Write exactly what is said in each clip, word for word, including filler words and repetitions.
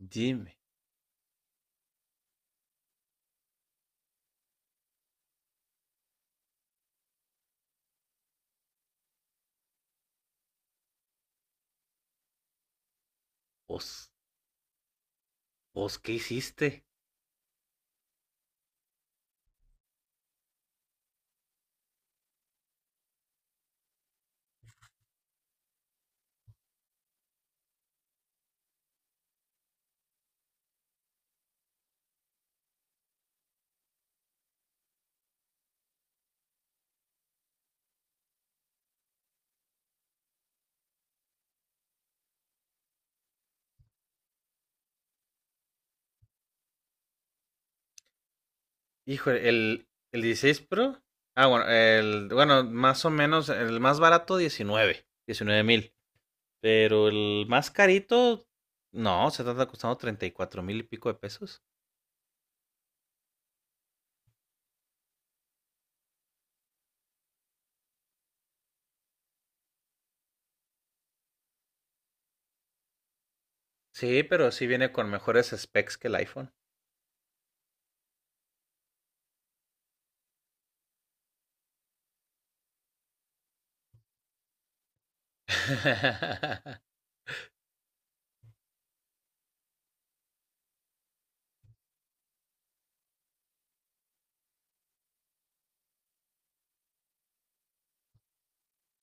Dime. ¿Os, os qué hiciste? Híjole, el, el dieciséis Pro. Ah, bueno, el, bueno, más o menos, el más barato diecinueve, 19 mil. Pero el más carito, no, se está costando treinta y cuatro mil y pico de pesos. Sí, pero sí viene con mejores specs que el iPhone.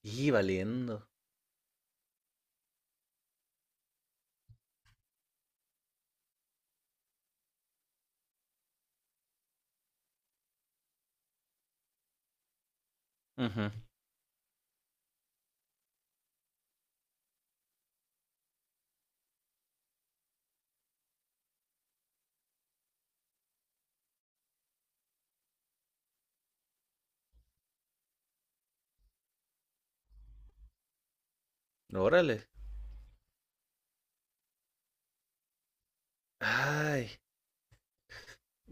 Y valiendo. Ujú. Órale. Ay,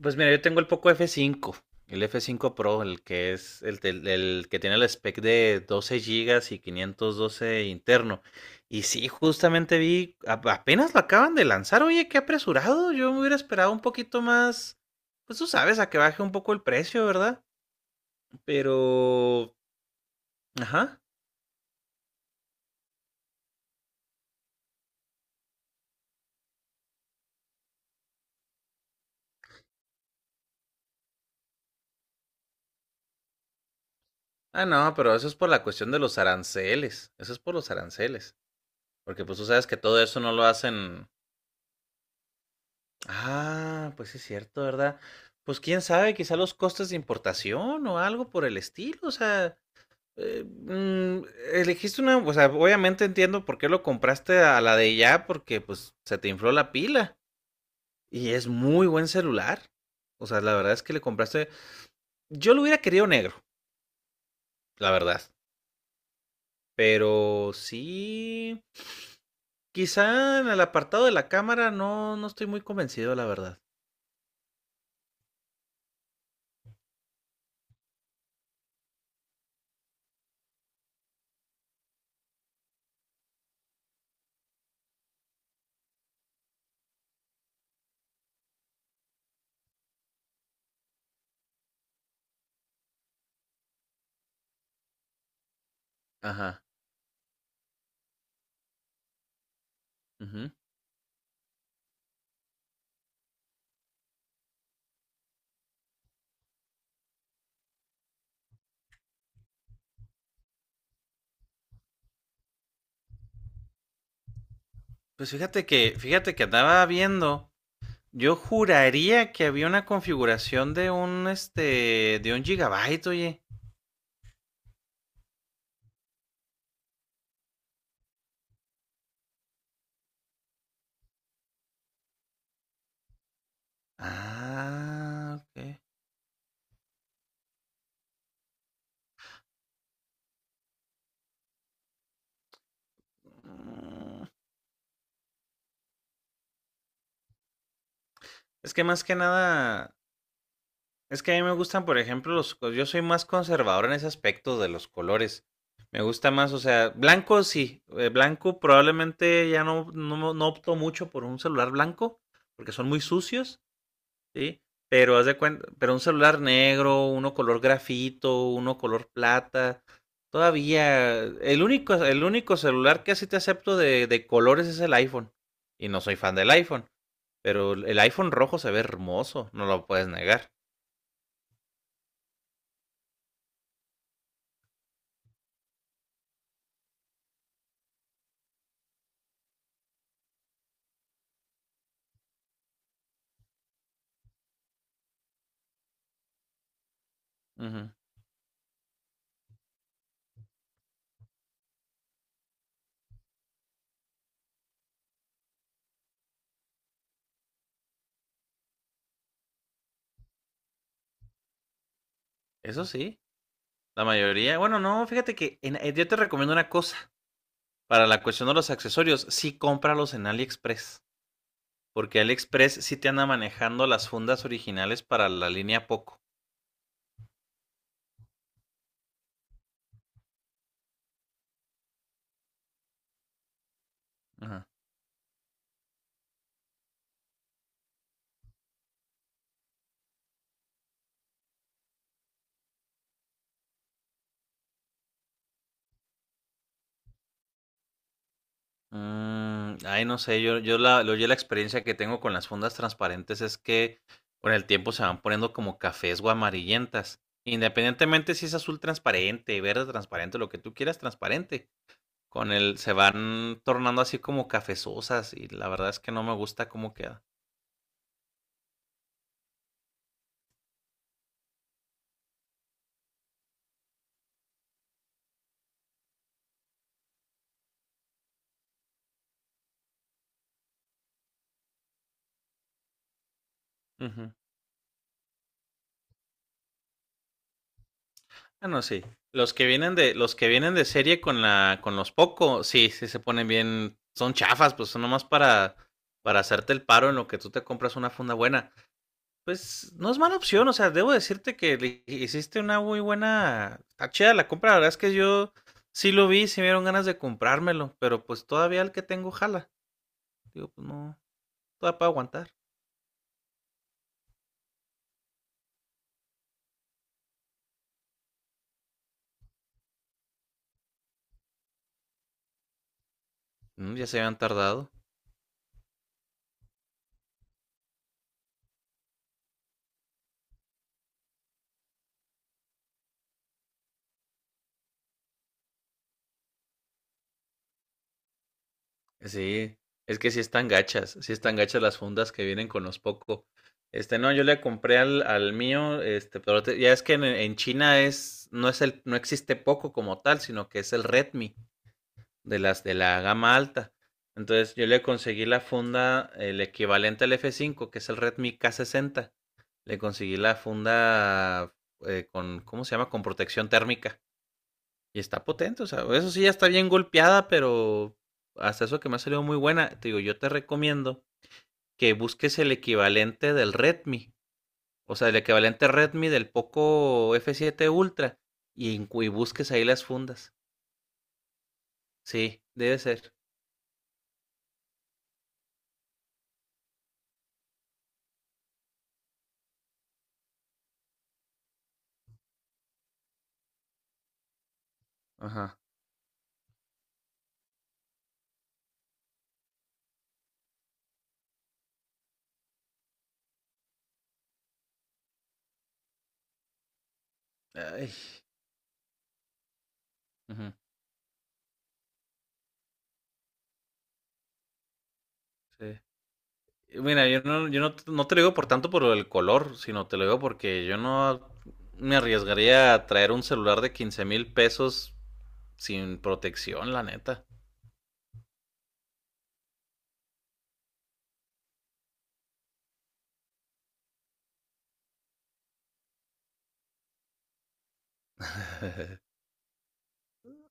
pues mira, yo tengo el Poco efe cinco, el efe cinco Pro, el que es el, el- el que tiene el spec de doce gigas y quinientos doce interno. Y sí, justamente vi, a- apenas lo acaban de lanzar, oye, qué apresurado. Yo me hubiera esperado un poquito más, pues tú sabes, a que baje un poco el precio, ¿verdad? Pero, ajá. Ah, no, pero eso es por la cuestión de los aranceles. Eso es por los aranceles. Porque pues tú sabes que todo eso no lo hacen. Ah, pues sí es cierto, ¿verdad? Pues quién sabe, quizá los costes de importación o algo por el estilo, o sea, eh, mm, elegiste una, o sea, obviamente entiendo por qué lo compraste a la de ya, porque pues se te infló la pila y es muy buen celular. O sea, la verdad es que le compraste, yo lo hubiera querido negro, la verdad, pero sí, quizá en el apartado de la cámara no, no estoy muy convencido, la verdad. Ajá. Ujú. Pues fíjate que, fíjate que, andaba viendo. Yo juraría que había una configuración de un este de un gigabyte, oye. Ah, ok. Mm. Es que más que nada, es que a mí me gustan, por ejemplo, los co- yo soy más conservador en ese aspecto de los colores. Me gusta más, o sea, blanco sí, eh, blanco probablemente ya no no no opto mucho por un celular blanco porque son muy sucios. Sí, pero haz de cuenta, pero un celular negro, uno color grafito, uno color plata, todavía el único, el único celular que así te acepto de, de colores es el iPhone. Y no soy fan del iPhone, pero el iPhone rojo se ve hermoso, no lo puedes negar. Ujú. Eso sí, la mayoría. Bueno, no, fíjate que en- eh, yo te recomiendo una cosa para la cuestión de los accesorios, sí cómpralos en AliExpress, porque AliExpress sí te anda manejando las fundas originales para la línea Poco. Mm, ay, no sé, yo, yo la, lo- yo la experiencia que tengo con las fundas transparentes es que con el tiempo se van poniendo como cafés o amarillentas. Independientemente si es azul transparente, verde transparente, lo que tú quieras transparente. Con el se van tornando así como cafezosas y la verdad es que no me gusta cómo queda. Ujú. Ah, no, sí. Los que vienen de, los que vienen de serie con la, con los Poco, sí, sí se ponen bien, son chafas, pues son nomás para, para hacerte el paro en lo que tú te compras una funda buena. Pues no es mala opción, o sea, debo decirte que le hiciste una muy buena. Está chida la compra, la verdad es que yo sí lo vi, sí me dieron ganas de comprármelo, pero pues todavía el que tengo jala. Digo, pues no, todavía puedo aguantar. Mm, ya se habían tardado. Sí, es que sí están gachas, sí están gachas las fundas que vienen con los Poco. Este, no, yo le compré al, al mío, este, pero te- ya es que en, en China es, no es el, no existe Poco como tal, sino que es el Redmi, de las de la gama alta. Entonces yo le conseguí la funda, el equivalente al efe cinco que es el Redmi ka sesenta. Le conseguí la funda eh, con, ¿cómo se llama? Con protección térmica. Y está potente, o sea, eso sí ya está bien golpeada, pero hasta eso que me ha salido muy buena. Te digo, yo te recomiendo que busques el equivalente del Redmi. O sea, el equivalente Redmi del Poco efe siete Ultra. Y, y busques ahí las fundas. Sí, debe ser. Ajá. Ay. Uh -huh. Sí. Y mira, yo no, yo no, no te lo digo por tanto por el color, sino te lo digo porque yo no me arriesgaría a traer un celular de quince mil pesos sin protección, la neta.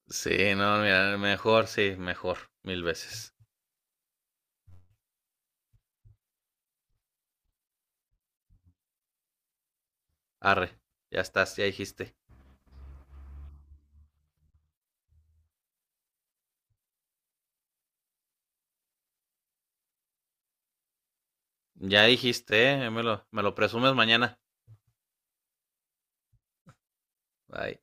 Sí, no, mira, mejor, sí, mejor, mil veces. Arre, ya estás, ya dijiste. Ya dijiste, ¿eh? Me lo, me lo presumes mañana. Bye.